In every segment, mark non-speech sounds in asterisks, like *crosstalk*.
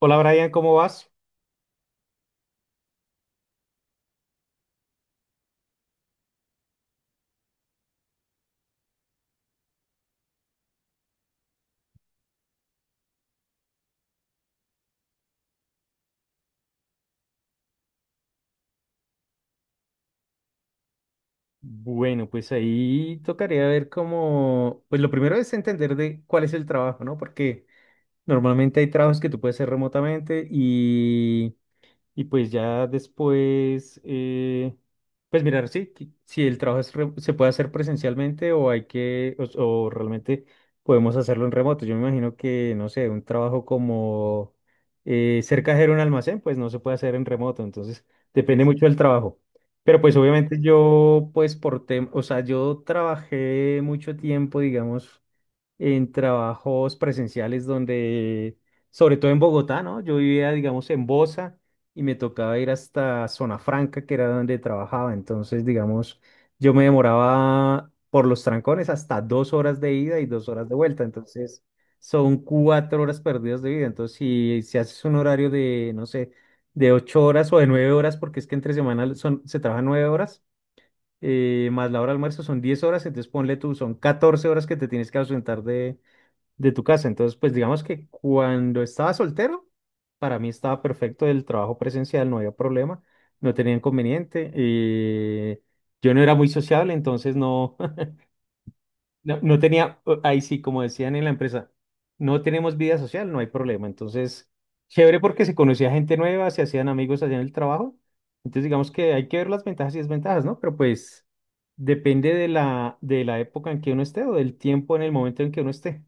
Hola Brian, ¿cómo vas? Bueno, pues ahí tocaría ver cómo, pues lo primero es entender de cuál es el trabajo, ¿no? Porque normalmente hay trabajos que tú puedes hacer remotamente. Y pues ya después, pues mirar si, si el trabajo se puede hacer presencialmente o hay que, o realmente podemos hacerlo en remoto. Yo me imagino que, no sé, un trabajo como ser cajero en un almacén, pues no se puede hacer en remoto. Entonces, depende mucho del trabajo. Pero pues obviamente yo, pues o sea, yo trabajé mucho tiempo, digamos, en trabajos presenciales donde, sobre todo en Bogotá, ¿no? Yo vivía, digamos, en Bosa y me tocaba ir hasta Zona Franca, que era donde trabajaba. Entonces, digamos, yo me demoraba por los trancones hasta 2 horas de ida y 2 horas de vuelta. Entonces, son 4 horas perdidas de vida. Entonces, si haces un horario de, no sé, de 8 horas o de 9 horas, porque es que entre semana se trabajan 9 horas. Más la hora de almuerzo son 10 horas, entonces ponle tú, son 14 horas que te tienes que ausentar de tu casa. Entonces, pues digamos que cuando estaba soltero, para mí estaba perfecto el trabajo presencial, no había problema, no tenía inconveniente. Yo no era muy sociable, entonces no, *laughs* no tenía, ahí sí, como decían en la empresa, no tenemos vida social, no hay problema. Entonces, chévere porque se conocía gente nueva, se hacían amigos allá en el trabajo. Entonces, digamos que hay que ver las ventajas y desventajas, ¿no? Pero pues depende de la época en que uno esté o del tiempo en el momento en que uno esté.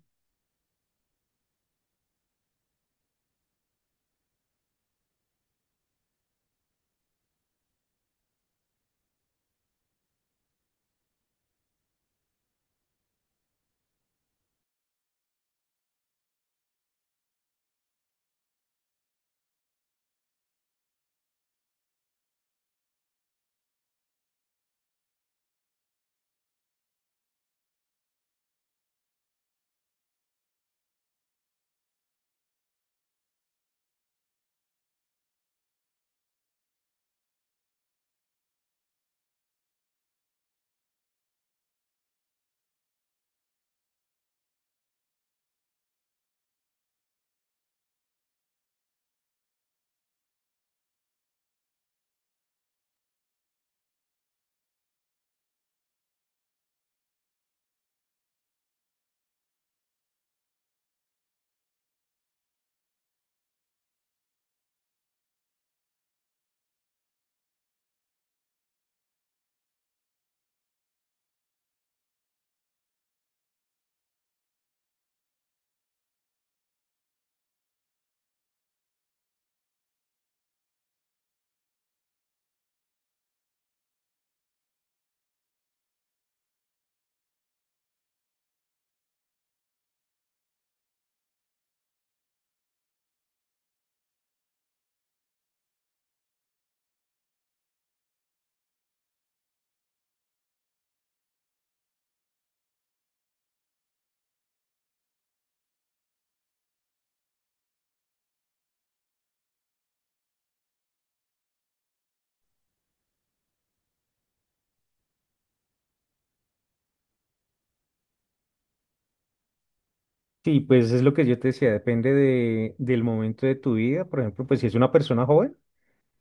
Sí, pues es lo que yo te decía, depende de, del momento de tu vida. Por ejemplo, pues si es una persona joven,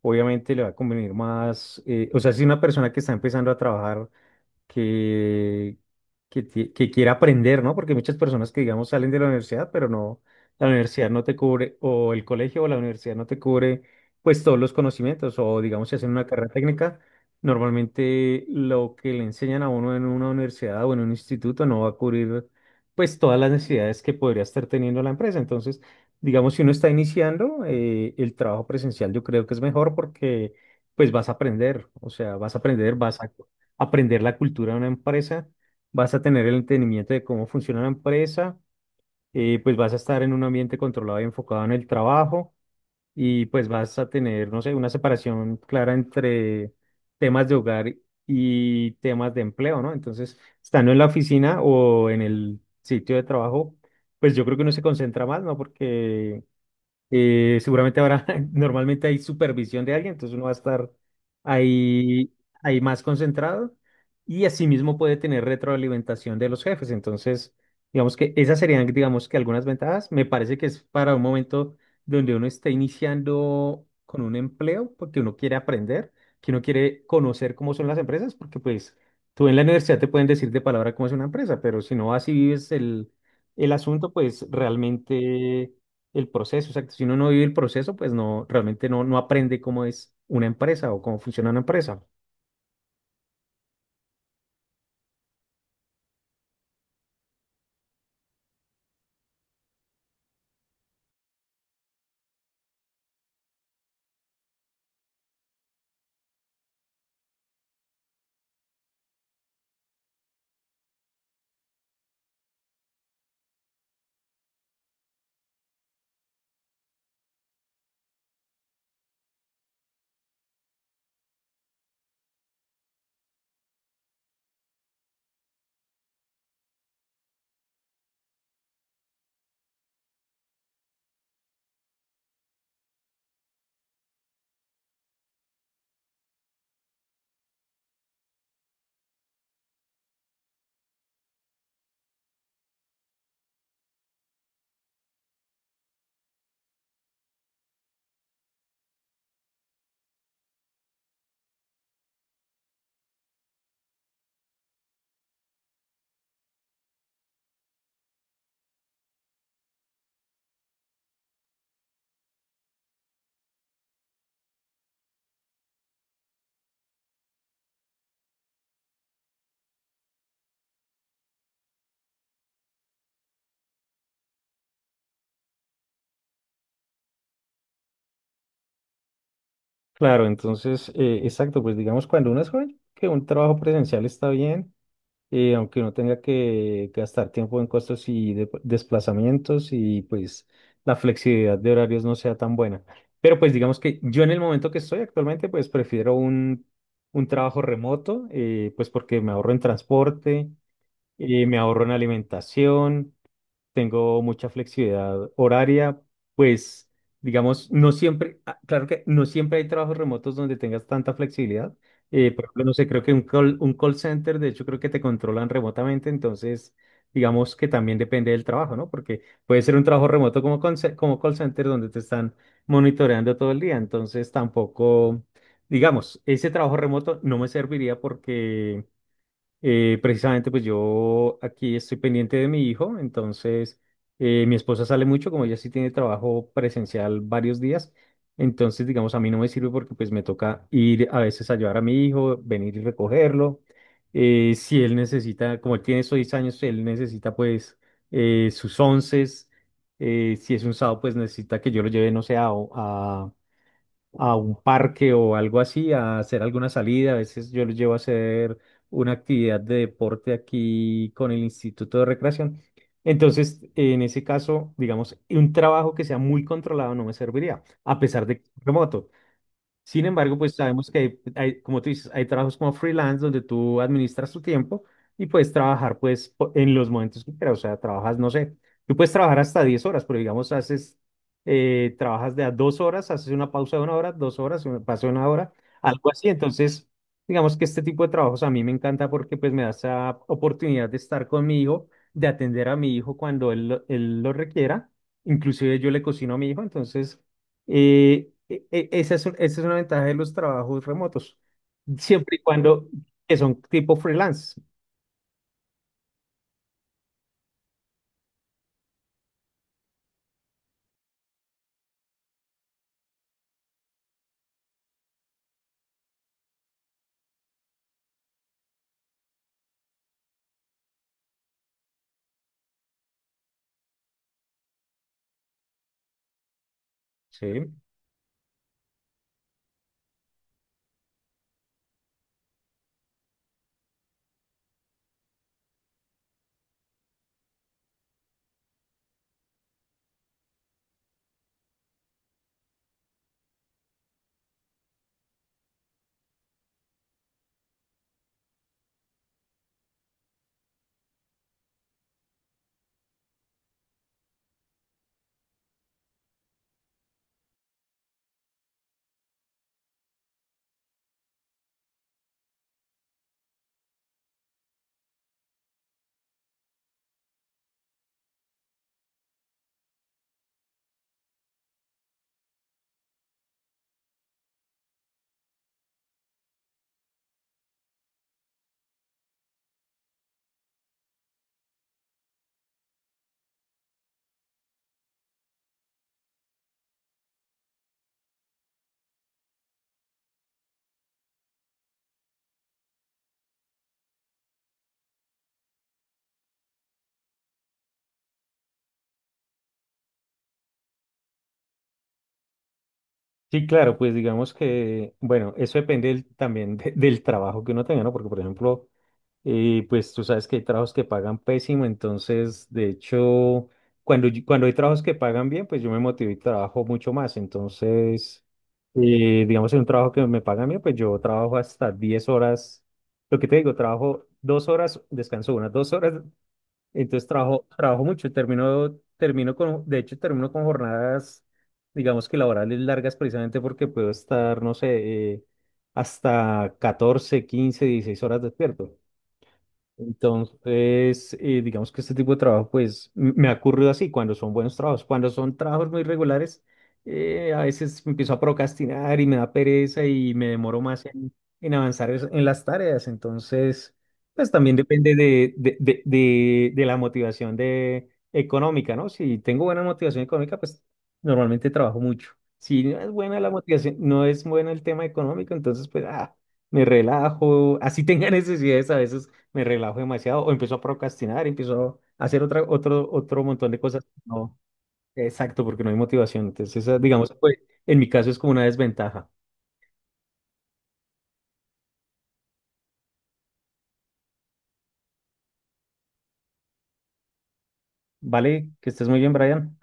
obviamente le va a convenir más, o sea, si es una persona que está empezando a trabajar, que, que quiera aprender, ¿no? Porque muchas personas que, digamos, salen de la universidad, pero no, la universidad no te cubre, o el colegio o la universidad no te cubre, pues todos los conocimientos, o digamos, si hacen una carrera técnica, normalmente lo que le enseñan a uno en una universidad o en un instituto no va a cubrir, pues, todas las necesidades que podría estar teniendo la empresa. Entonces, digamos, si uno está iniciando, el trabajo presencial yo creo que es mejor porque, pues, vas a aprender, o sea, vas a aprender la cultura de una empresa, vas a tener el entendimiento de cómo funciona la empresa, pues vas a estar en un ambiente controlado y enfocado en el trabajo y pues vas a tener, no sé, una separación clara entre temas de hogar y temas de empleo, ¿no? Entonces, estando en la oficina o en el sitio de trabajo, pues yo creo que uno se concentra más, ¿no? Porque seguramente ahora *laughs* normalmente hay supervisión de alguien, entonces uno va a estar ahí, ahí más concentrado y asimismo puede tener retroalimentación de los jefes. Entonces, digamos que esas serían, digamos que algunas ventajas. Me parece que es para un momento donde uno está iniciando con un empleo, porque uno quiere aprender, que uno quiere conocer cómo son las empresas, porque pues tú en la universidad te pueden decir de palabra cómo es una empresa, pero si no así vives el asunto, pues realmente el proceso, exacto. Si uno no vive el proceso, pues no, realmente no, no aprende cómo es una empresa o cómo funciona una empresa. Claro, entonces, exacto, pues digamos, cuando uno es joven, que un trabajo presencial está bien, aunque uno tenga que gastar tiempo en costos y desplazamientos y pues la flexibilidad de horarios no sea tan buena. Pero pues digamos que yo en el momento que estoy actualmente, pues prefiero un trabajo remoto, pues porque me ahorro en transporte, me ahorro en alimentación, tengo mucha flexibilidad horaria, pues digamos, no siempre, ah, claro que no siempre hay trabajos remotos donde tengas tanta flexibilidad. Por ejemplo, no sé, creo que un un call center, de hecho, creo que te controlan remotamente, entonces, digamos que también depende del trabajo, ¿no? Porque puede ser un trabajo remoto como, como call center donde te están monitoreando todo el día, entonces tampoco, digamos, ese trabajo remoto no me serviría porque... precisamente, pues yo aquí estoy pendiente de mi hijo, entonces mi esposa sale mucho, como ella sí tiene trabajo presencial varios días, entonces digamos a mí no me sirve porque pues me toca ir a veces a llevar a mi hijo, venir y recogerlo. Si él necesita, como él tiene 6 años, él necesita pues sus onces, si es un sábado pues necesita que yo lo lleve, no sé, a, a un parque o algo así, a hacer alguna salida. A veces yo los llevo a hacer una actividad de deporte aquí con el Instituto de Recreación. Entonces, en ese caso, digamos, un trabajo que sea muy controlado no me serviría, a pesar de que es remoto. Sin embargo, pues sabemos que hay, como tú dices, hay trabajos como freelance donde tú administras tu tiempo y puedes trabajar pues en los momentos que quieras. O sea, trabajas, no sé, tú puedes trabajar hasta 10 horas, pero digamos, trabajas de a 2 horas, haces una pausa de 1 hora, 2 horas, una pausa de una hora, algo así. Entonces, digamos que este tipo de trabajos a mí me encanta porque pues me da esa oportunidad de estar con mi hijo, de atender a mi hijo cuando él lo requiera. Inclusive yo le cocino a mi hijo, entonces... esa es, esa es una ventaja de los trabajos remotos, siempre y cuando que son tipo freelance, ¿sí? Sí, claro, pues digamos que, bueno, eso depende también del trabajo que uno tenga, ¿no? Porque, por ejemplo, y pues tú sabes que hay trabajos que pagan pésimo, entonces de hecho, cuando hay trabajos que pagan bien, pues yo me motivo y trabajo mucho más. Entonces, digamos, en un trabajo que me pagan bien, pues yo trabajo hasta 10 horas. Lo que te digo, trabajo 2 horas, descanso unas 2 horas. Entonces trabajo mucho, termino con, de hecho, termino con jornadas, digamos que laborales largas precisamente porque puedo estar, no sé, hasta 14, 15, 16 horas despierto. Entonces, digamos que este tipo de trabajo, pues, me ha ocurrido así cuando son buenos trabajos. Cuando son trabajos muy regulares, a veces me empiezo a procrastinar y me da pereza y me demoro más en avanzar en las tareas. Entonces, pues también depende de la motivación económica, ¿no? Si tengo buena motivación económica, pues normalmente trabajo mucho. Si no es buena la motivación, no es bueno el tema económico, entonces, pues, ah, me relajo. Así tenga *laughs* necesidades a veces me relajo demasiado o empiezo a procrastinar, empiezo a hacer otro, otro montón de cosas. No, exacto, porque no hay motivación. Entonces, esa, digamos, pues, en mi caso es como una desventaja. Vale, que estés muy bien, Brian.